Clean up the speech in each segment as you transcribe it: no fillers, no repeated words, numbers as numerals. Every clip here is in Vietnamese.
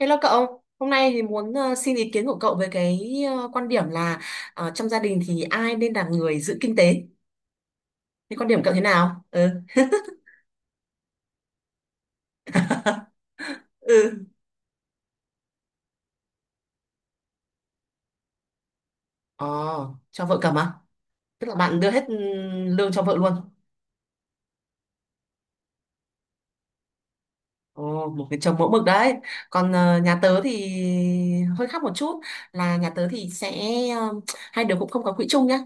Hello cậu, hôm nay thì muốn xin ý kiến của cậu về quan điểm là trong gia đình thì ai nên là người giữ kinh tế? Thì quan điểm cậu thế nào? Ừ. Ừ. Ồ, cho vợ cầm à? Tức là bạn đưa hết, ừ, lương cho vợ luôn. Ồ, một cái chồng mẫu mực đấy. Còn nhà tớ thì hơi khác một chút, là nhà tớ thì sẽ, ờ, hai đứa cũng không có quỹ chung nhá.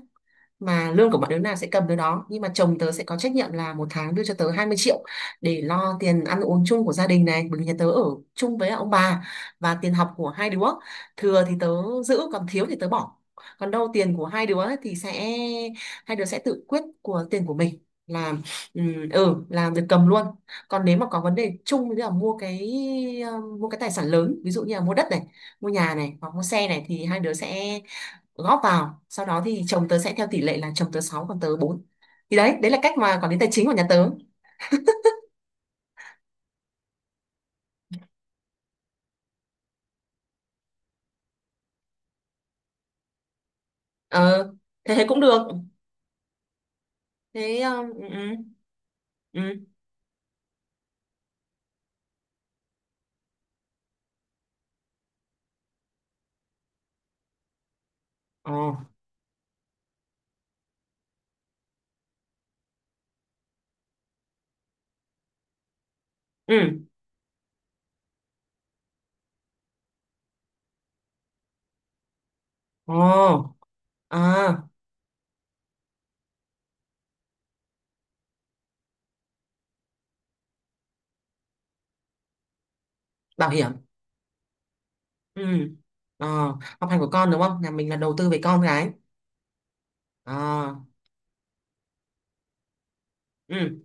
Mà lương của bọn đứa nào sẽ cầm đứa đó, nhưng mà chồng tớ sẽ có trách nhiệm là một tháng đưa cho tớ 20 triệu để lo tiền ăn uống chung của gia đình này, bởi vì nhà tớ ở chung với ông bà, và tiền học của hai đứa. Thừa thì tớ giữ, còn thiếu thì tớ bỏ. Còn đâu tiền của hai đứa ấy thì sẽ, hai đứa sẽ tự quyết của tiền của mình, là, ừ, ừ làm việc cầm luôn. Còn nếu mà có vấn đề chung như là mua cái, mua cái tài sản lớn ví dụ như là mua đất này, mua nhà này hoặc mua xe này, thì hai đứa sẽ góp vào, sau đó thì chồng tớ sẽ theo tỷ lệ là chồng tớ 6 còn tớ bốn. Thì đấy, đấy là cách mà quản lý tài chính của nhà tớ. Ờ, thế thế cũng được. Thế ờ, ừ ừ. Ừ. Ờ. Ừ. Ờ. À, bảo hiểm. Ừ. Ờ, học hành của con đúng không, nhà mình là đầu tư về con cái. Ờ. Ừ.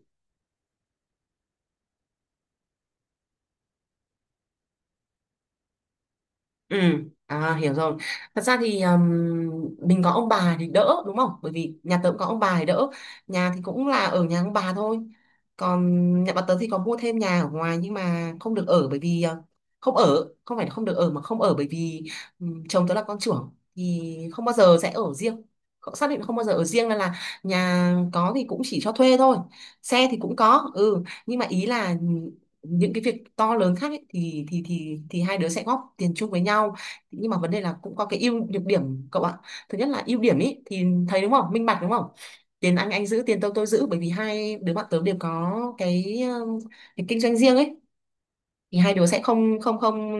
Ừ, à, hiểu rồi. Thật ra thì mình có ông bà thì đỡ đúng không? Bởi vì nhà tớ cũng có ông bà thì đỡ. Nhà thì cũng là ở nhà ông bà thôi. Còn nhà bà tớ thì có mua thêm nhà ở ngoài, nhưng mà không được ở bởi vì không ở, không phải là không được ở mà không ở, bởi vì chồng tớ là con trưởng thì không bao giờ sẽ ở riêng. Cậu xác định không bao giờ ở riêng, nên là nhà có thì cũng chỉ cho thuê thôi. Xe thì cũng có, ừ, nhưng mà ý là những cái việc to lớn khác ấy, thì thì hai đứa sẽ góp tiền chung với nhau, nhưng mà vấn đề là cũng có cái ưu nhược điểm cậu ạ. Thứ nhất là ưu điểm ấy thì thấy đúng không, minh bạch đúng không, tiền anh giữ tiền tôi giữ, bởi vì hai đứa bạn tớ đều có cái kinh doanh riêng ấy, thì hai đứa sẽ không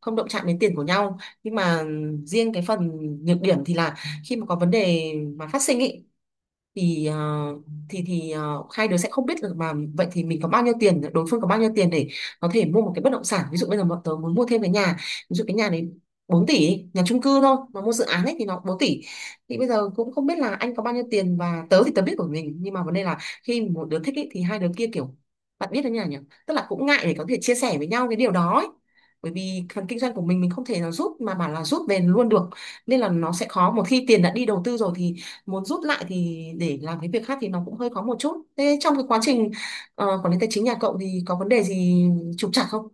không động chạm đến tiền của nhau. Nhưng mà riêng cái phần nhược điểm thì là khi mà có vấn đề mà phát sinh ý, thì thì hai đứa sẽ không biết được, mà vậy thì mình có bao nhiêu tiền, đối phương có bao nhiêu tiền để có thể mua một cái bất động sản. Ví dụ bây giờ bọn tớ muốn mua thêm cái nhà, ví dụ cái nhà đấy 4 tỷ đi, nhà chung cư thôi mà mua dự án ấy thì nó 4 tỷ. Thì bây giờ cũng không biết là anh có bao nhiêu tiền, và tớ thì tớ biết của mình, nhưng mà vấn đề là khi một đứa thích ý, thì hai đứa kia kiểu, bạn biết đấy nhỉ, nhỉ, tức là cũng ngại để có thể chia sẻ với nhau cái điều đó ấy. Bởi vì phần kinh doanh của mình không thể nào rút mà bảo là rút về luôn được, nên là nó sẽ khó. Một khi tiền đã đi đầu tư rồi thì muốn rút lại thì để làm cái việc khác thì nó cũng hơi khó một chút. Thế trong cái quá trình quản lý tài chính nhà cậu thì có vấn đề gì trục trặc không?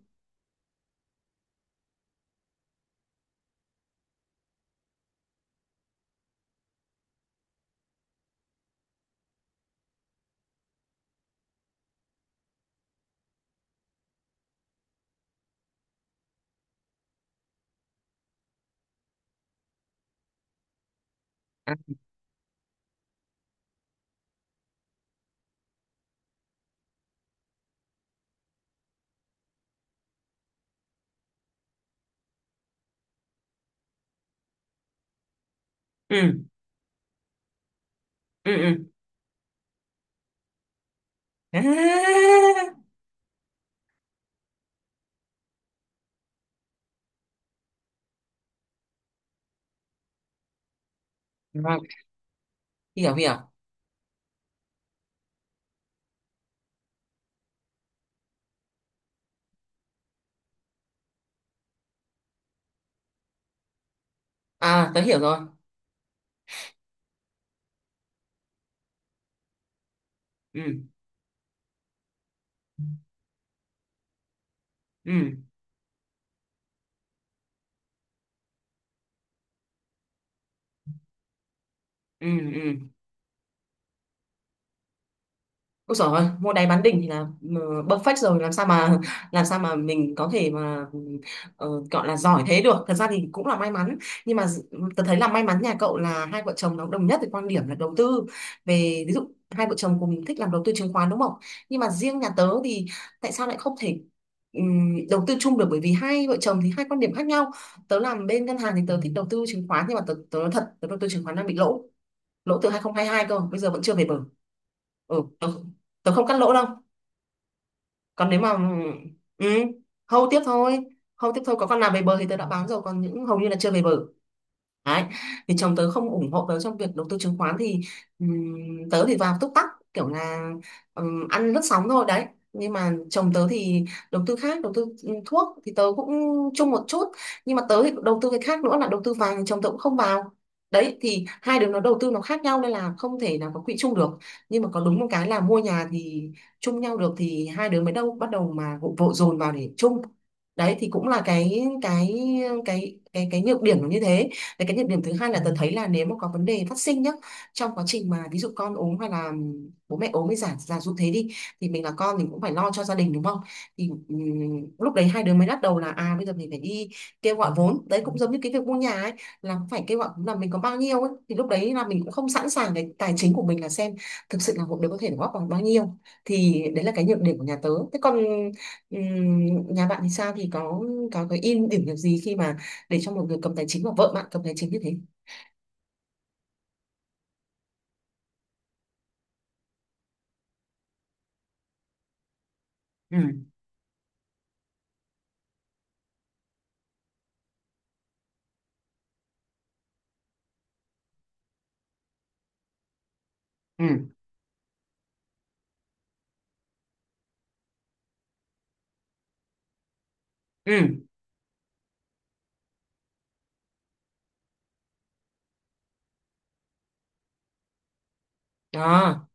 À, ừ ừ. Ừ. À, vâng, hiểu hiểu. À tớ hiểu rồi. Ừ ừ. Ừ ừ. Ôi giời ơi, mua đáy bán đỉnh thì là, ờ, perfect rồi. Làm sao mà làm sao mà mình có thể mà, gọi là giỏi thế được, thật ra thì cũng là may mắn. Nhưng mà tớ thấy là may mắn nhà cậu là hai vợ chồng nó cũng đồng nhất về quan điểm là đầu tư, về ví dụ hai vợ chồng cùng thích làm đầu tư chứng khoán đúng không. Nhưng mà riêng nhà tớ thì tại sao lại không thể đầu tư chung được, bởi vì hai vợ chồng thì hai quan điểm khác nhau. Tớ làm bên ngân hàng thì tớ thích đầu tư chứng khoán, nhưng mà tớ tớ nói thật, tớ đầu tư chứng khoán đang bị lỗ lỗ từ 2022 cơ, bây giờ vẫn chưa về bờ. Ừ, tớ, tớ không cắt lỗ đâu. Còn nếu mà, ừ, hâu tiếp thôi. Hâu tiếp thôi, có con nào về bờ thì tớ đã bán rồi, còn những hầu như là chưa về bờ. Đấy, thì chồng tớ không ủng hộ tớ trong việc đầu tư chứng khoán, thì tớ thì vào túc tắc, kiểu là ăn lướt sóng thôi đấy. Nhưng mà chồng tớ thì đầu tư khác, đầu tư, ừ, thuốc thì tớ cũng chung một chút, nhưng mà tớ thì đầu tư cái khác nữa là đầu tư vàng, chồng tớ cũng không vào. Đấy, thì hai đứa nó đầu tư nó khác nhau nên là không thể nào có quỹ chung được. Nhưng mà có đúng một cái là mua nhà thì chung nhau được, thì hai đứa mới đâu bắt đầu mà vội vội dồn vào để chung. Đấy, thì cũng là cái cái nhược điểm nó như thế. Đấy, cái nhược điểm thứ hai là, Ừ, tớ thấy là nếu mà có vấn đề phát sinh nhá, trong quá trình mà ví dụ con ốm hay là bố mẹ ốm, mới giả giả dụ thế đi, thì mình là con mình cũng phải lo cho gia đình đúng không. Thì lúc đấy hai đứa mới bắt đầu là à bây giờ mình phải đi kêu gọi vốn, đấy cũng giống như cái việc mua nhà ấy, là cũng phải kêu gọi vốn là mình có bao nhiêu ấy. Thì lúc đấy là mình cũng không sẵn sàng cái tài chính của mình là xem thực sự là một đứa có thể góp bằng bao nhiêu. Thì đấy là cái nhược điểm của nhà tớ. Thế còn nhà bạn thì sao, thì có cái ưu điểm được gì khi mà để cho một người cầm tài chính, và vợ bạn cầm tài chính như thế? Ừ. Ừ. Ừ. Đó.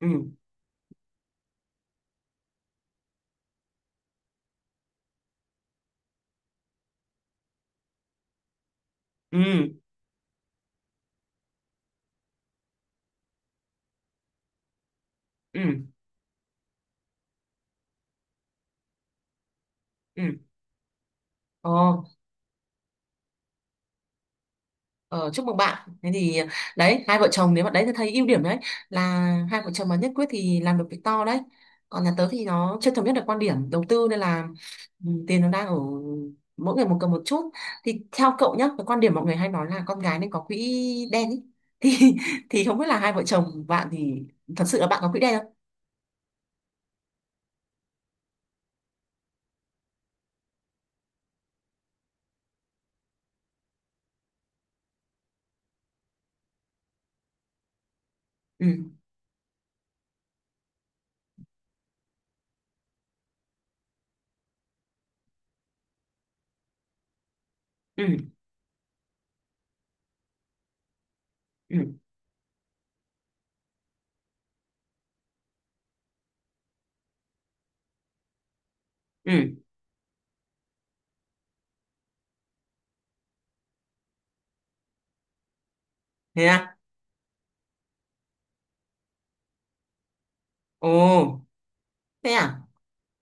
Ừ ừ ừ ừ. Ồ. Ờ, chúc mừng bạn. Thế thì đấy, hai vợ chồng nếu bạn đấy thì thấy ưu điểm đấy, là hai vợ chồng mà nhất quyết thì làm được việc to đấy. Còn nhà tớ thì nó chưa thống nhất được quan điểm đầu tư nên là, ừ, tiền nó đang ở mỗi người một cầm một chút. Thì theo cậu nhá, cái quan điểm mọi người hay nói là con gái nên có quỹ đen ý. Thì thì không biết là hai vợ chồng bạn thì thật sự là bạn có quỹ đen không? Ừ. Ừ. Ừ. Ừ. Thế à? Ồ. Thế à?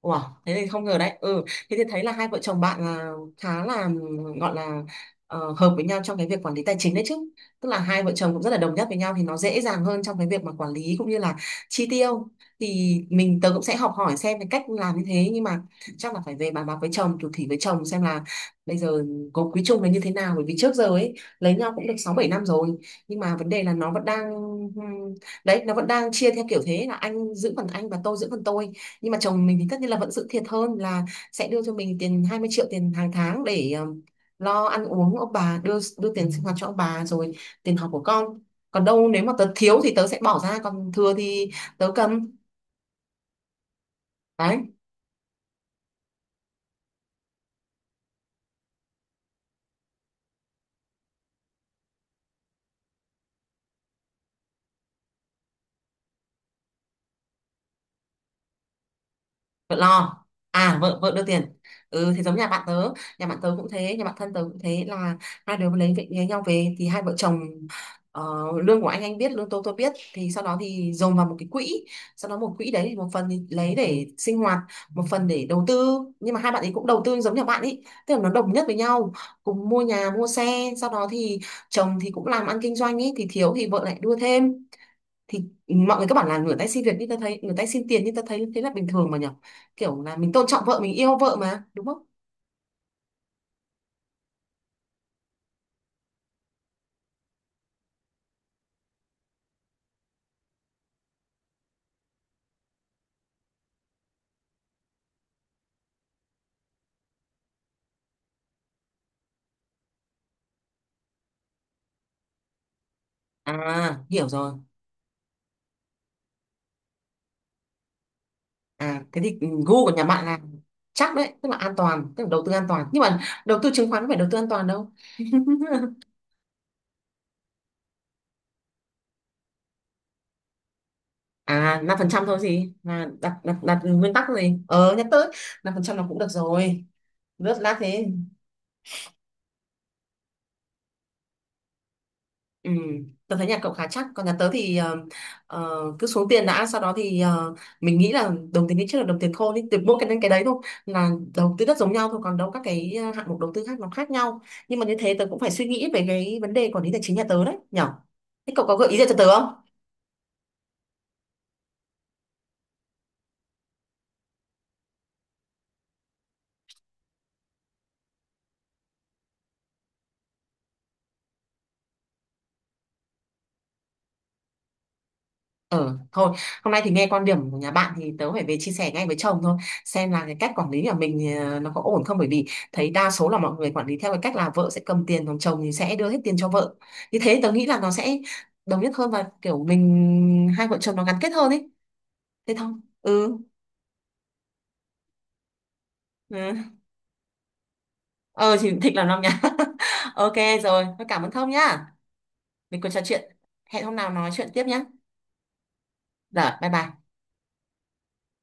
Wow, thế thì không ngờ đấy. Ừ, thế thì thấy là hai vợ chồng bạn là khá là gọi là, hợp với nhau trong cái việc quản lý tài chính đấy chứ. Tức là hai vợ chồng cũng rất là đồng nhất với nhau thì nó dễ dàng hơn trong cái việc mà quản lý cũng như là chi tiêu. Thì mình tớ cũng sẽ học hỏi xem cái cách làm như thế, nhưng mà chắc là phải về bàn bạc với chồng, thủ thỉ với chồng xem là bây giờ có quý chung là như thế nào, bởi vì trước giờ ấy lấy nhau cũng được 6 7 năm rồi, nhưng mà vấn đề là nó vẫn đang ừm, đấy, nó vẫn đang chia theo kiểu thế, là anh giữ phần anh và tôi giữ phần tôi ấy. Nhưng mà chồng mình thì tất nhiên là vẫn giữ thiệt hơn, là sẽ đưa cho mình tiền 20 triệu tiền hàng tháng để lo ăn uống, ông bà đưa đưa tiền sinh hoạt cho ông bà rồi, tiền học của con. Còn đâu nếu mà tớ thiếu thì tớ sẽ bỏ ra, còn thừa thì tớ cầm. Đấy. Vợ lo. À vợ vợ đưa tiền. Ừ, thì giống nhà bạn tớ. Nhà bạn tớ cũng thế, nhà bạn thân tớ cũng thế, là hai đứa lấy việc lấy nhau về thì hai vợ chồng, ờ, lương của anh biết, lương tôi biết, thì sau đó thì dồn vào một cái quỹ. Sau đó một quỹ đấy thì một phần thì lấy để sinh hoạt, một phần để đầu tư. Nhưng mà hai bạn ấy cũng đầu tư giống nhà bạn ấy, tức là nó đồng nhất với nhau, cùng mua nhà mua xe. Sau đó thì chồng thì cũng làm ăn kinh doanh ấy thì thiếu thì vợ lại đưa thêm. Thì mọi người các bạn là rửa tay xin việc, nhưng ta thấy rửa tay xin tiền nhưng ta thấy thế là bình thường mà nhở, kiểu là mình tôn trọng vợ mình yêu vợ mà đúng không. À hiểu rồi. À thế thì, ừ, gu của nhà bạn là chắc đấy, tức là an toàn, tức là đầu tư an toàn. Nhưng mà đầu tư chứng khoán có phải đầu tư an toàn đâu. À 5% thôi, gì mà đặt đặt đặt nguyên tắc gì ờ nhắc tới. 5% là cũng được rồi, lướt lát thế. Ừ, tớ thấy nhà cậu khá chắc, còn nhà tớ thì cứ xuống tiền đã, sau đó thì mình nghĩ là đồng tiền đi trước là đồng tiền khôn ý, từ mỗi cái đến cái đấy thôi, là đầu tư đất giống nhau thôi, còn đâu các cái hạng mục đầu tư khác nó khác nhau. Nhưng mà như thế tớ cũng phải suy nghĩ về cái vấn đề quản lý tài chính nhà tớ đấy nhở. Thế cậu có gợi ý gì cho tớ không? Ờ, thôi, hôm nay thì nghe quan điểm của nhà bạn thì tớ phải về chia sẻ ngay với chồng thôi, xem là cái cách quản lý của mình, nó có ổn không, bởi vì thấy đa số là mọi người quản lý theo cái cách là vợ sẽ cầm tiền, còn chồng thì sẽ đưa hết tiền cho vợ. Như thế tớ nghĩ là nó sẽ đồng nhất hơn, và kiểu mình hai vợ chồng nó gắn kết hơn ấy. Thế thôi. Ừ. Ừ. Ờ thì thích làm năm nhá ok rồi, thôi cảm ơn Thông nhá, mình còn trò chuyện. Hẹn hôm nào nói chuyện tiếp nhá. Rồi bye bye.